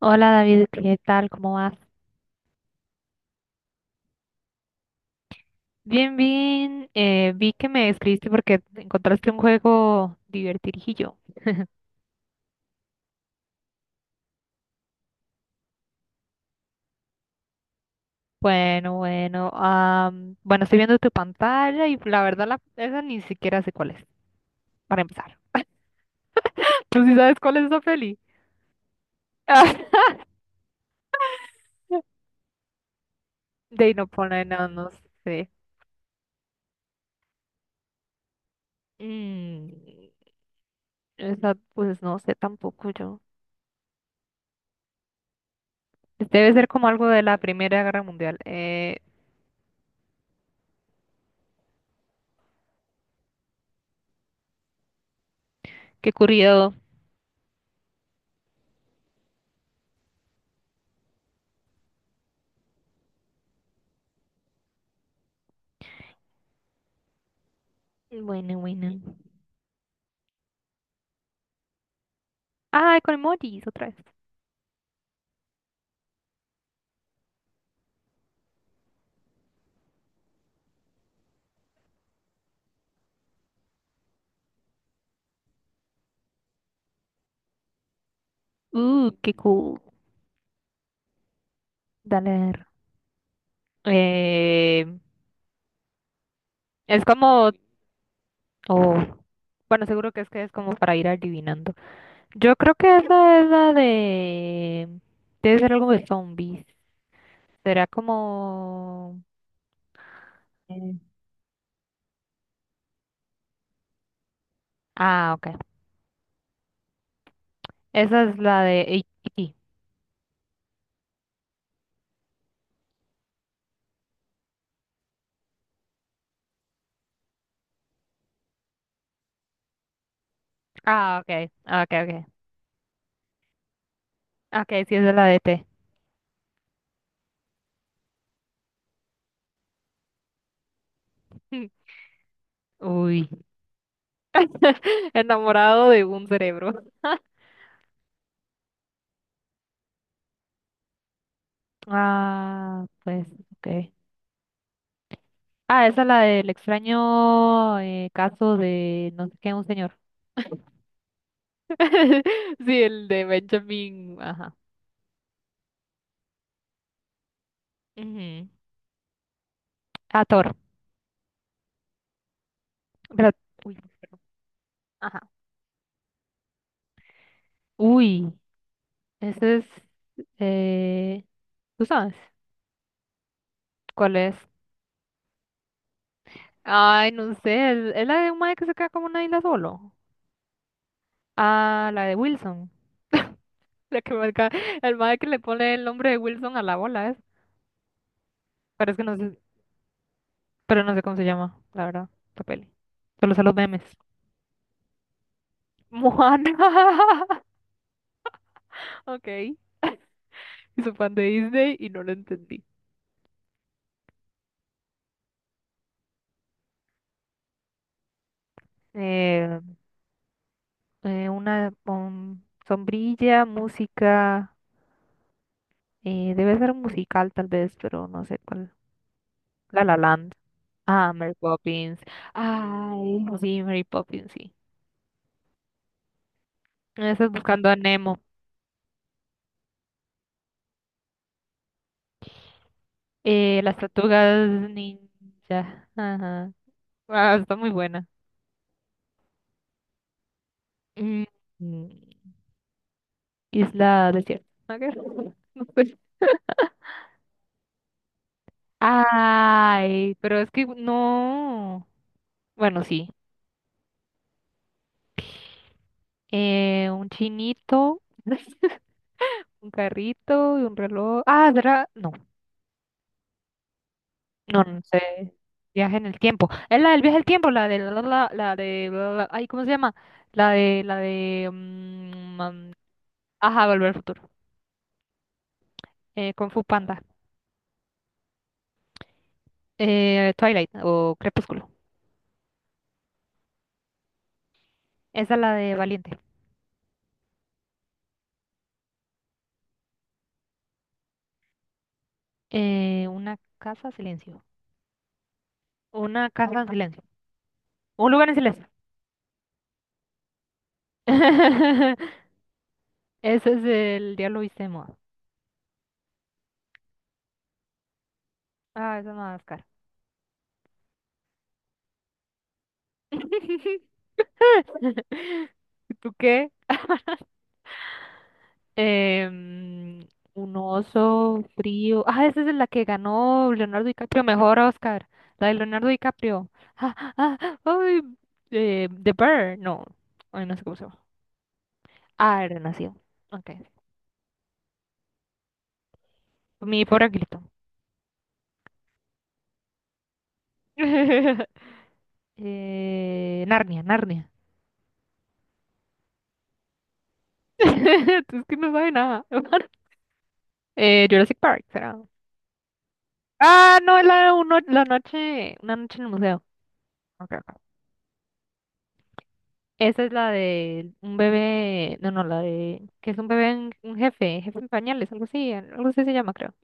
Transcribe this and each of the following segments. Hola David, ¿qué tal? ¿Cómo vas? Bien, bien. Vi que me escribiste porque encontraste un juego divertidillo. Bueno, bueno. Bueno, estoy viendo tu pantalla y la verdad esa ni siquiera sé cuál es, para empezar. ¿Tú sí sabes cuál es esa peli? De ahí no pone, no, no sé. Mm, esa, pues no sé tampoco yo. Este debe ser como algo de la Primera Guerra Mundial. Qué curioso. Bueno, bueno. Ah, con emojis otra vez. Qué cool. Dale. Eh, es como, oh, bueno, seguro que es como para ir adivinando. Yo creo que esa es la de, debe ser algo de zombies. Será como, eh, ah, ok. Esa es la de E.T.. Ah, ok, ok, ok. Ok, sí, esa es la de E T. Uy, enamorado de un cerebro. Ah, pues, ok. Ah, esa es la del extraño caso de no sé qué, un señor. Sí, el de Benjamin, ajá. Ujú. Ah, Thor. Pero, uy, perdón. Ajá. Uy, ese es, eh, ¿tú sabes cuál es? Ay, no sé, es la de un mae que se queda como una isla solo. Ah, la de Wilson. La que marca, el mae que le pone el nombre de Wilson a la bola, es. Pero es que no sé, pero no sé cómo se llama, la verdad, la peli. Solo sé los memes. Moana. Ok. Soy fan de Disney y no lo entendí. Eh, una sombrilla, música. Debe ser un musical tal vez, pero no sé cuál. La La Land. Ah, Mary Poppins. Ay, no, sí, Mary Poppins, sí. Estás buscando a Nemo. Las tortugas ninja. Ajá. Ah, está muy buena. Mm, mm, Isla desierta. Ok. No sé. Ay, pero es que no. Bueno, sí. Un chinito, un carrito y un reloj. Ah, ¿verdad? No, no, no sé. Viaje en el tiempo. Es la del viaje al tiempo, la de la, la, la- la de la- la- ay, ¿cómo se llama? La de mm, am, Ajá, Volver al futuro. Kung Fu Panda. Twilight o Crepúsculo. Esa es la de Valiente. Una casa en silencio. Una casa en silencio. Un lugar en silencio. Ese es el Diablo Viste de Moda. Ah, esa es máscara. ¿Tú qué? Em, un oso frío. Ah, esa es la que ganó Leonardo DiCaprio, mejor Oscar. La de Leonardo DiCaprio. Ah, ah, ah, ay, The Bear. No, ay, no sé cómo se llama. Ah, era nacido. Ok. Mi pobre angelito. Narnia, Narnia. Es que no sabe nada. Jurassic Park, será. Ah, no, es la, uno, la noche, una noche en el museo. Ok, ok. Esa es la de un bebé, no, no, la de, que es un bebé, un jefe, jefe en pañales, algo así se llama, creo.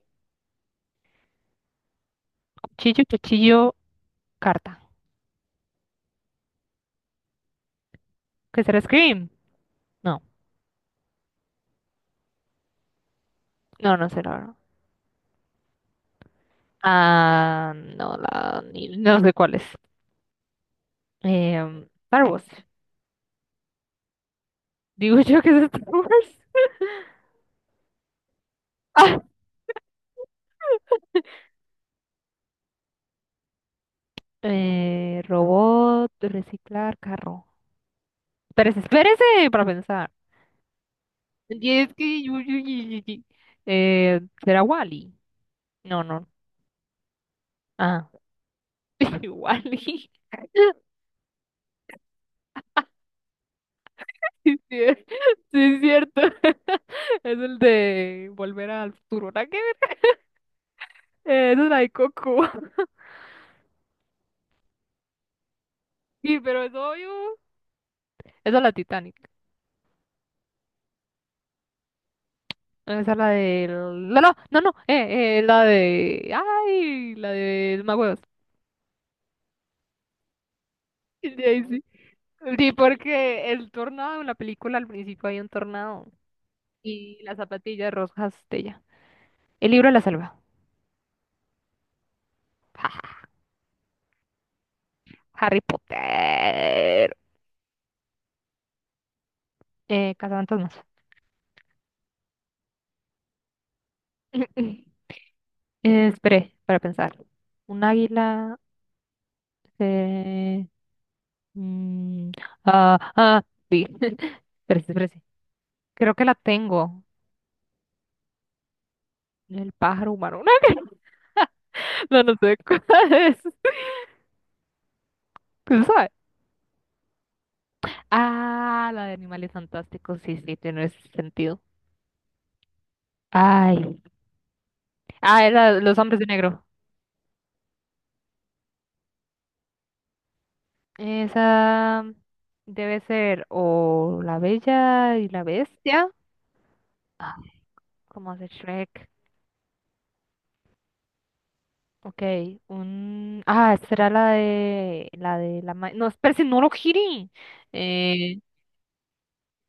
Cuchillo, cuchillo, carta. ¿Qué será Scream? No, no, no sé, la verdad. Ah, no, la, ni- no sé cuál es. Star Wars. Digo yo que es Star Wars. Ah, robot, reciclar, carro. Pero espérese para pensar. Y es que ¿será Wally? No, no. Ah, Wally. Sí, sí, es sí, es cierto. Es el de Volver al Futuro. ¿Nada que ver? Esa es la de Coco. Sí, pero es obvio. Esa es la Titanic. No, esa es la de... No, no, no, no. La de... Ay, la de Magüeos. Sí, sí, sí, porque el tornado, en la película al principio hay un tornado. Y las zapatillas rojas de ella. El libro de la selva. Harry Potter. Cazafantasmas. Esperé para pensar. Un águila. eh, mm, ah, ah, sí. Espérese, espérese. Creo que la tengo. El pájaro humano. No, no sé cuál es. ¿Quién sabe? Ah, la de animales fantásticos. Sí, sí, tiene sentido. Ay. Ah, era Los hombres de negro. Esa debe ser o La Bella y la Bestia. Ah, como de Shrek. Ok, un... Ah, esta era la de... No, espérate, no lo gire. Eh,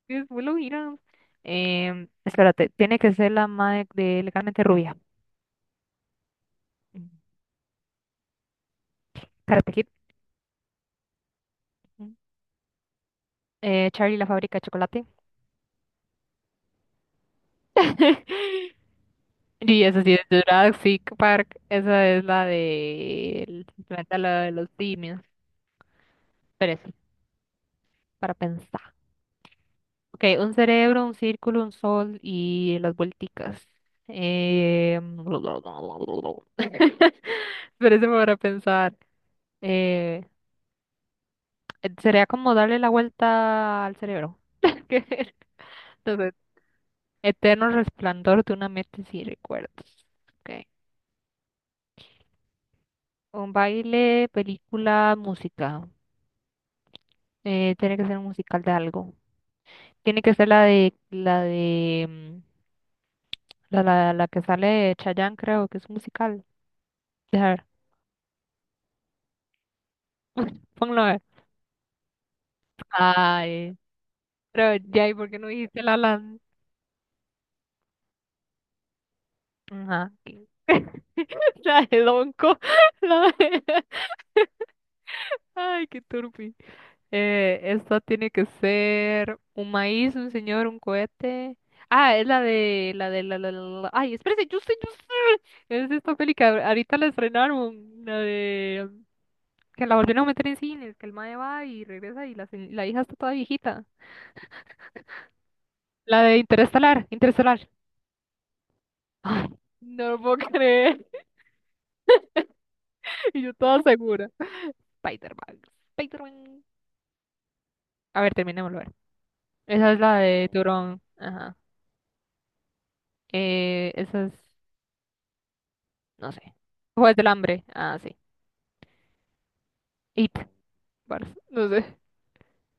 ¿Después lo giran? Espérate, tiene que ser la madre de Legalmente Rubia. Mm, Karate Kid. Mm. Charlie la fábrica de chocolate. Y esa sí es Jurassic Park. Esa es la de... el planeta la de los simios. Pero eso, para pensar. Ok, un cerebro, un círculo, un sol y las vuelticas. Eh, pero eso me para pensar. Eh, Sería como darle la vuelta al cerebro. ¿Qué era? Entonces, eterno resplandor de una mente sin recuerdos. Okay. Un baile, película, música. Tiene que ser un musical de algo. Tiene que ser la, la, la que sale de Chayanne, creo que es un musical. Dejar, ponlo a ver. Ay, pero ya, ¿y por qué no dijiste la lan? Ajá. ¿Qué? La de Donko. La de- Ay, qué turpi. Esta tiene que ser un maíz, un señor, un cohete. Ah, es la de, la de, la, la, la, la- ay, espérese, yo sé, yo sé. Es esta peli que ahorita la estrenaron, la de... Que la volvieron a meter en cines, que el mae va y regresa la hija está toda viejita. La de Interestelar, Interestelar. Ay, no lo puedo creer. Y yo toda segura. Spider-Man. Spider-Man. A ver, terminémoslo. A ver. Esa es la de Turón. Ajá. Esa es. No sé. Juegos del hambre. Ah, sí. It. Bars. No sé.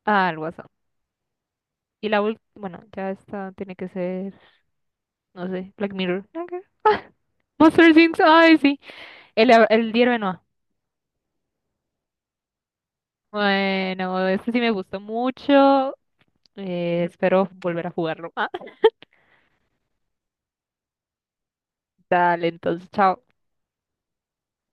Ah, el Guasón. Y la última. Bueno, ya esta tiene que ser. No sé. Black Mirror. Nada Ah, Monster Things. Ay, sí. El Diario de Noah. Bueno, este sí me gustó mucho. Espero volver a jugarlo. Ah, dale, entonces, chao.